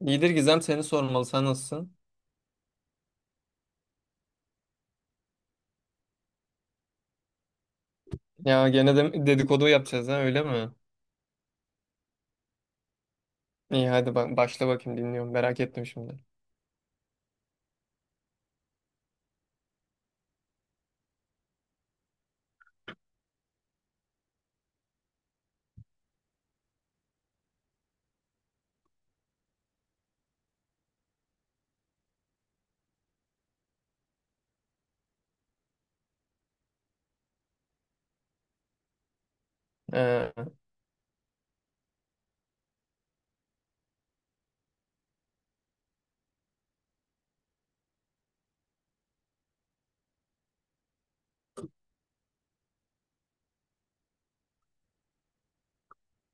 İyidir Gizem seni sormalı. Sen nasılsın? Ya gene de dedikodu yapacağız ha öyle mi? İyi hadi bak başla bakayım dinliyorum. Merak ettim şimdi. Ee,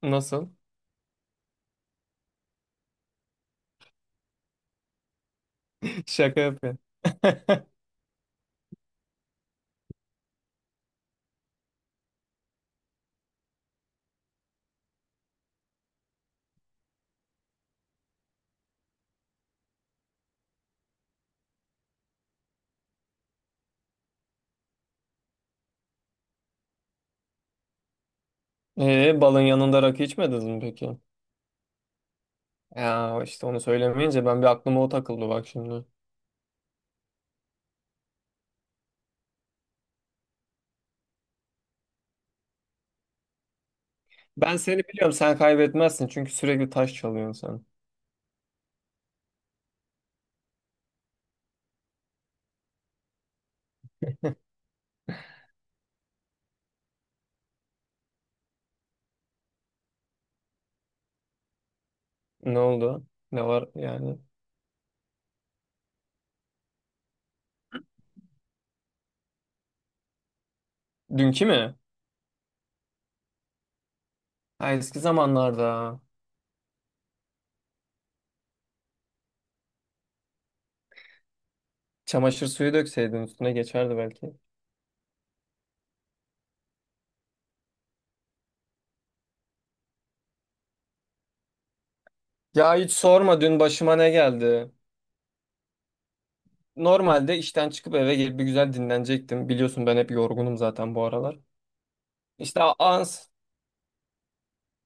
Nasıl? Şaka yapıyor. Balın yanında rakı içmediniz mi peki? Ya işte onu söylemeyince ben bir aklıma o takıldı bak şimdi. Ben seni biliyorum sen kaybetmezsin çünkü sürekli taş çalıyorsun sen. Ne oldu? Ne var yani? Dünkü mü? Ha, eski zamanlarda. Çamaşır suyu dökseydin üstüne geçerdi belki. Ya hiç sorma dün başıma ne geldi. Normalde işten çıkıp eve gelip bir güzel dinlenecektim. Biliyorsun ben hep yorgunum zaten bu aralar. İşte a- ans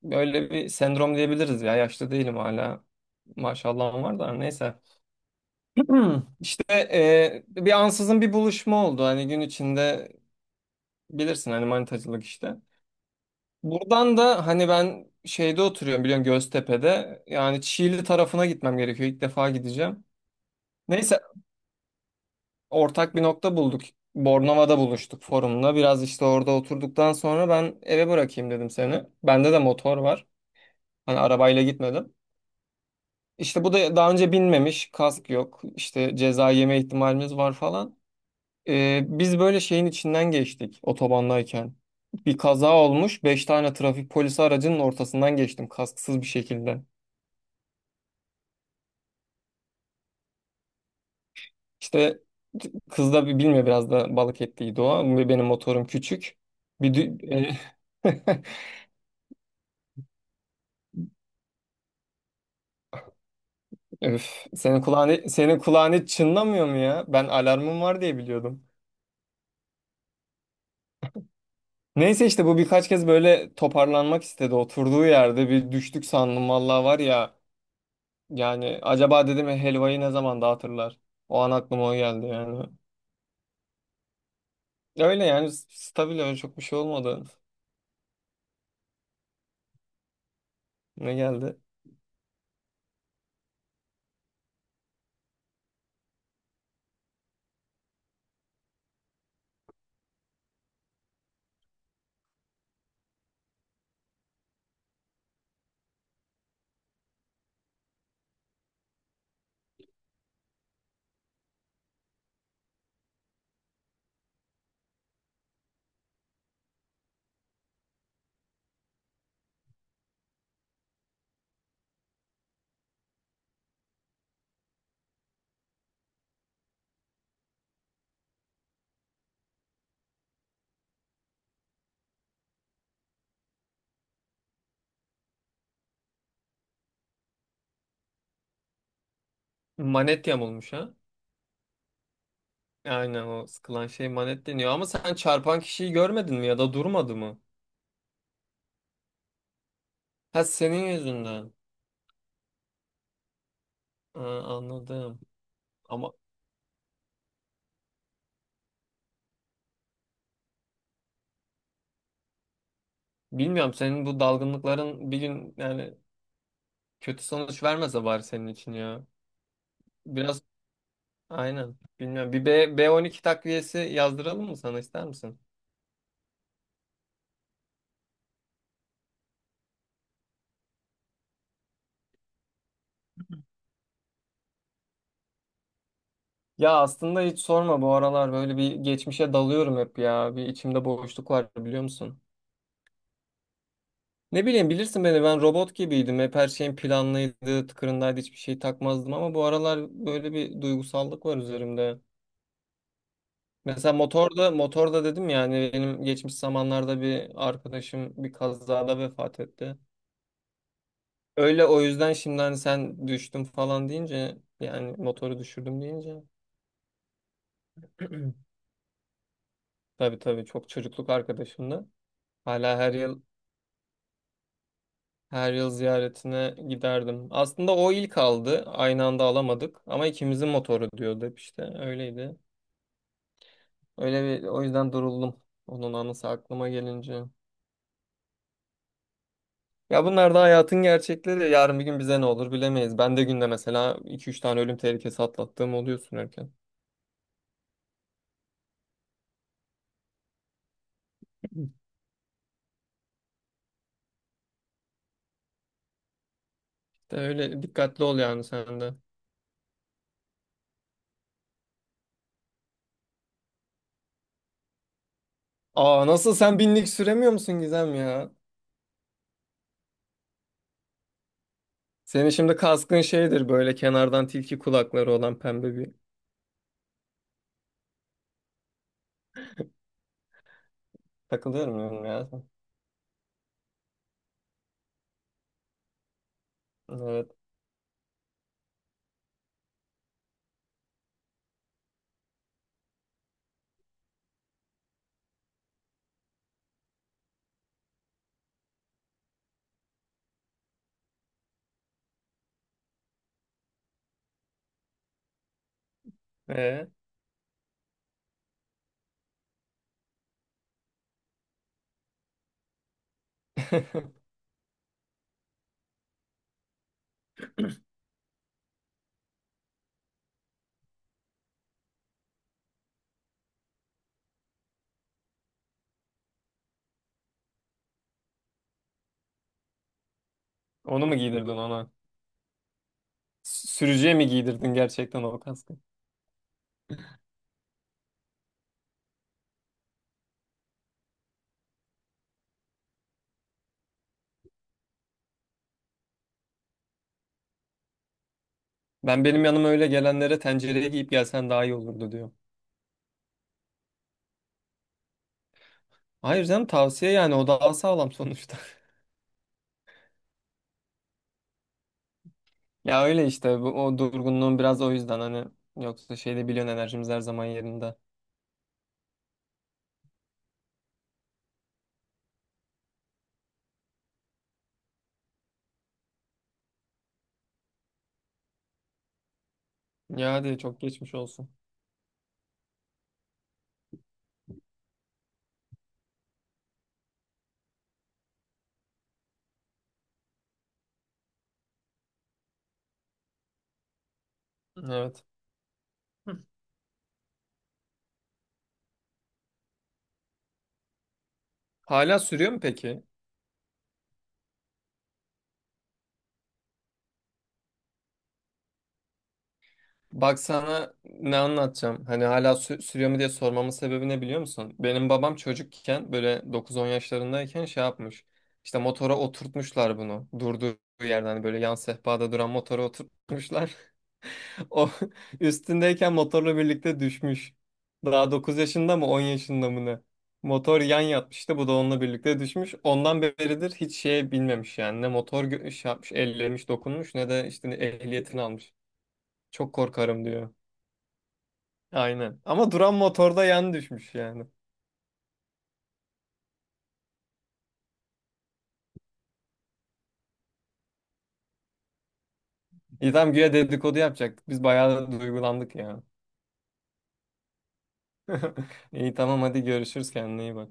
böyle bir sendrom diyebiliriz ya. Yaşlı değilim hala. Maşallahım var da neyse. İşte bir ansızın bir buluşma oldu. Hani gün içinde bilirsin hani manitacılık işte. Buradan da hani ben şeyde oturuyorum biliyorsun Göztepe'de. Yani Çiğli tarafına gitmem gerekiyor. İlk defa gideceğim. Neyse ortak bir nokta bulduk. Bornova'da buluştuk forumla. Biraz işte orada oturduktan sonra ben eve bırakayım dedim seni. Bende de motor var. Hani arabayla gitmedim. İşte bu da daha önce binmemiş. Kask yok. İşte ceza yeme ihtimalimiz var falan. Biz böyle şeyin içinden geçtik otobandayken. Bir kaza olmuş. Beş tane trafik polisi aracının ortasından geçtim kasksız bir şekilde. İşte kız da bilmiyor biraz da balık ettiydi o. Benim motorum küçük. Bir dü- Öf, senin kulağın hiç çınlamıyor mu ya? Ben alarmım var diye biliyordum. Neyse işte bu birkaç kez böyle toparlanmak istedi. Oturduğu yerde bir düştük sandım vallahi var ya. Yani acaba dedim ya, helvayı ne zaman dağıtırlar? O an aklıma o geldi yani. Öyle yani stabil öyle çok bir şey olmadı. Ne geldi? Manet yamulmuş ha? Aynen o sıkılan şey manet deniyor. Ama sen çarpan kişiyi görmedin mi ya da durmadı mı? Ha senin yüzünden. Ha, anladım. Ama bilmiyorum senin bu dalgınlıkların bir gün yani kötü sonuç vermese bari senin için ya. Biraz aynen. Bilmiyorum. Bir B12 takviyesi yazdıralım mı sana ister misin? Ya aslında hiç sorma bu aralar böyle bir geçmişe dalıyorum hep ya. Bir içimde boşluk var biliyor musun? Ne bileyim bilirsin beni ben robot gibiydim. Hep her şeyim planlıydı, tıkırındaydı hiçbir şey takmazdım ama bu aralar böyle bir duygusallık var üzerimde. Mesela motorda dedim ya hani benim geçmiş zamanlarda bir arkadaşım bir kazada vefat etti. Öyle o yüzden şimdi hani sen düştüm falan deyince yani motoru düşürdüm deyince tabii tabii çok çocukluk arkadaşımdı. Hala her yıl ziyaretine giderdim. Aslında o ilk aldı. Aynı anda alamadık ama ikimizin motoru diyordu hep işte öyleydi. Öyle bir o yüzden duruldum. Onun anısı aklıma gelince. Ya bunlar da hayatın gerçekleri. Yarın bir gün bize ne olur bilemeyiz. Ben de günde mesela iki üç tane ölüm tehlikesi atlattığım oluyor sürerken. De öyle dikkatli ol yani sen de. Aa nasıl sen binlik süremiyor musun Gizem ya? Senin şimdi kaskın şeydir böyle kenardan tilki kulakları olan pembe bir. Takılıyorum muyum ya sen? Evet. Ee? Onu mu giydirdin ona? Sürücüye mi giydirdin gerçekten o kaskı? Ben benim yanıma öyle gelenlere tencereye giyip gelsen daha iyi olurdu diyor. Hayır canım tavsiye yani o daha sağlam sonuçta. Ya öyle işte bu, o durgunluğun biraz o yüzden hani yoksa şeyde biliyorsun enerjimiz her zaman yerinde. Ya hadi çok geçmiş olsun. Evet. Hala sürüyor mu peki? Bak sana ne anlatacağım. Hani hala sürüyor mu diye sormamın sebebi ne biliyor musun? Benim babam çocukken böyle 9-10 yaşlarındayken şey yapmış. İşte motora oturtmuşlar bunu. Durduğu yerden hani böyle yan sehpada duran motora oturtmuşlar. O üstündeyken motorla birlikte düşmüş. Daha 9 yaşında mı 10 yaşında mı ne? Motor yan yatmıştı bu da onunla birlikte düşmüş. Ondan beridir hiç şey bilmemiş yani ne motor şey yapmış ellemiş dokunmuş ne de işte ehliyetini almış. Çok korkarım diyor. Aynen ama duran motorda yan düşmüş yani. İyi tamam güya dedikodu yapacaktık biz bayağı duygulandık ya. İyi tamam hadi görüşürüz kendine iyi bak.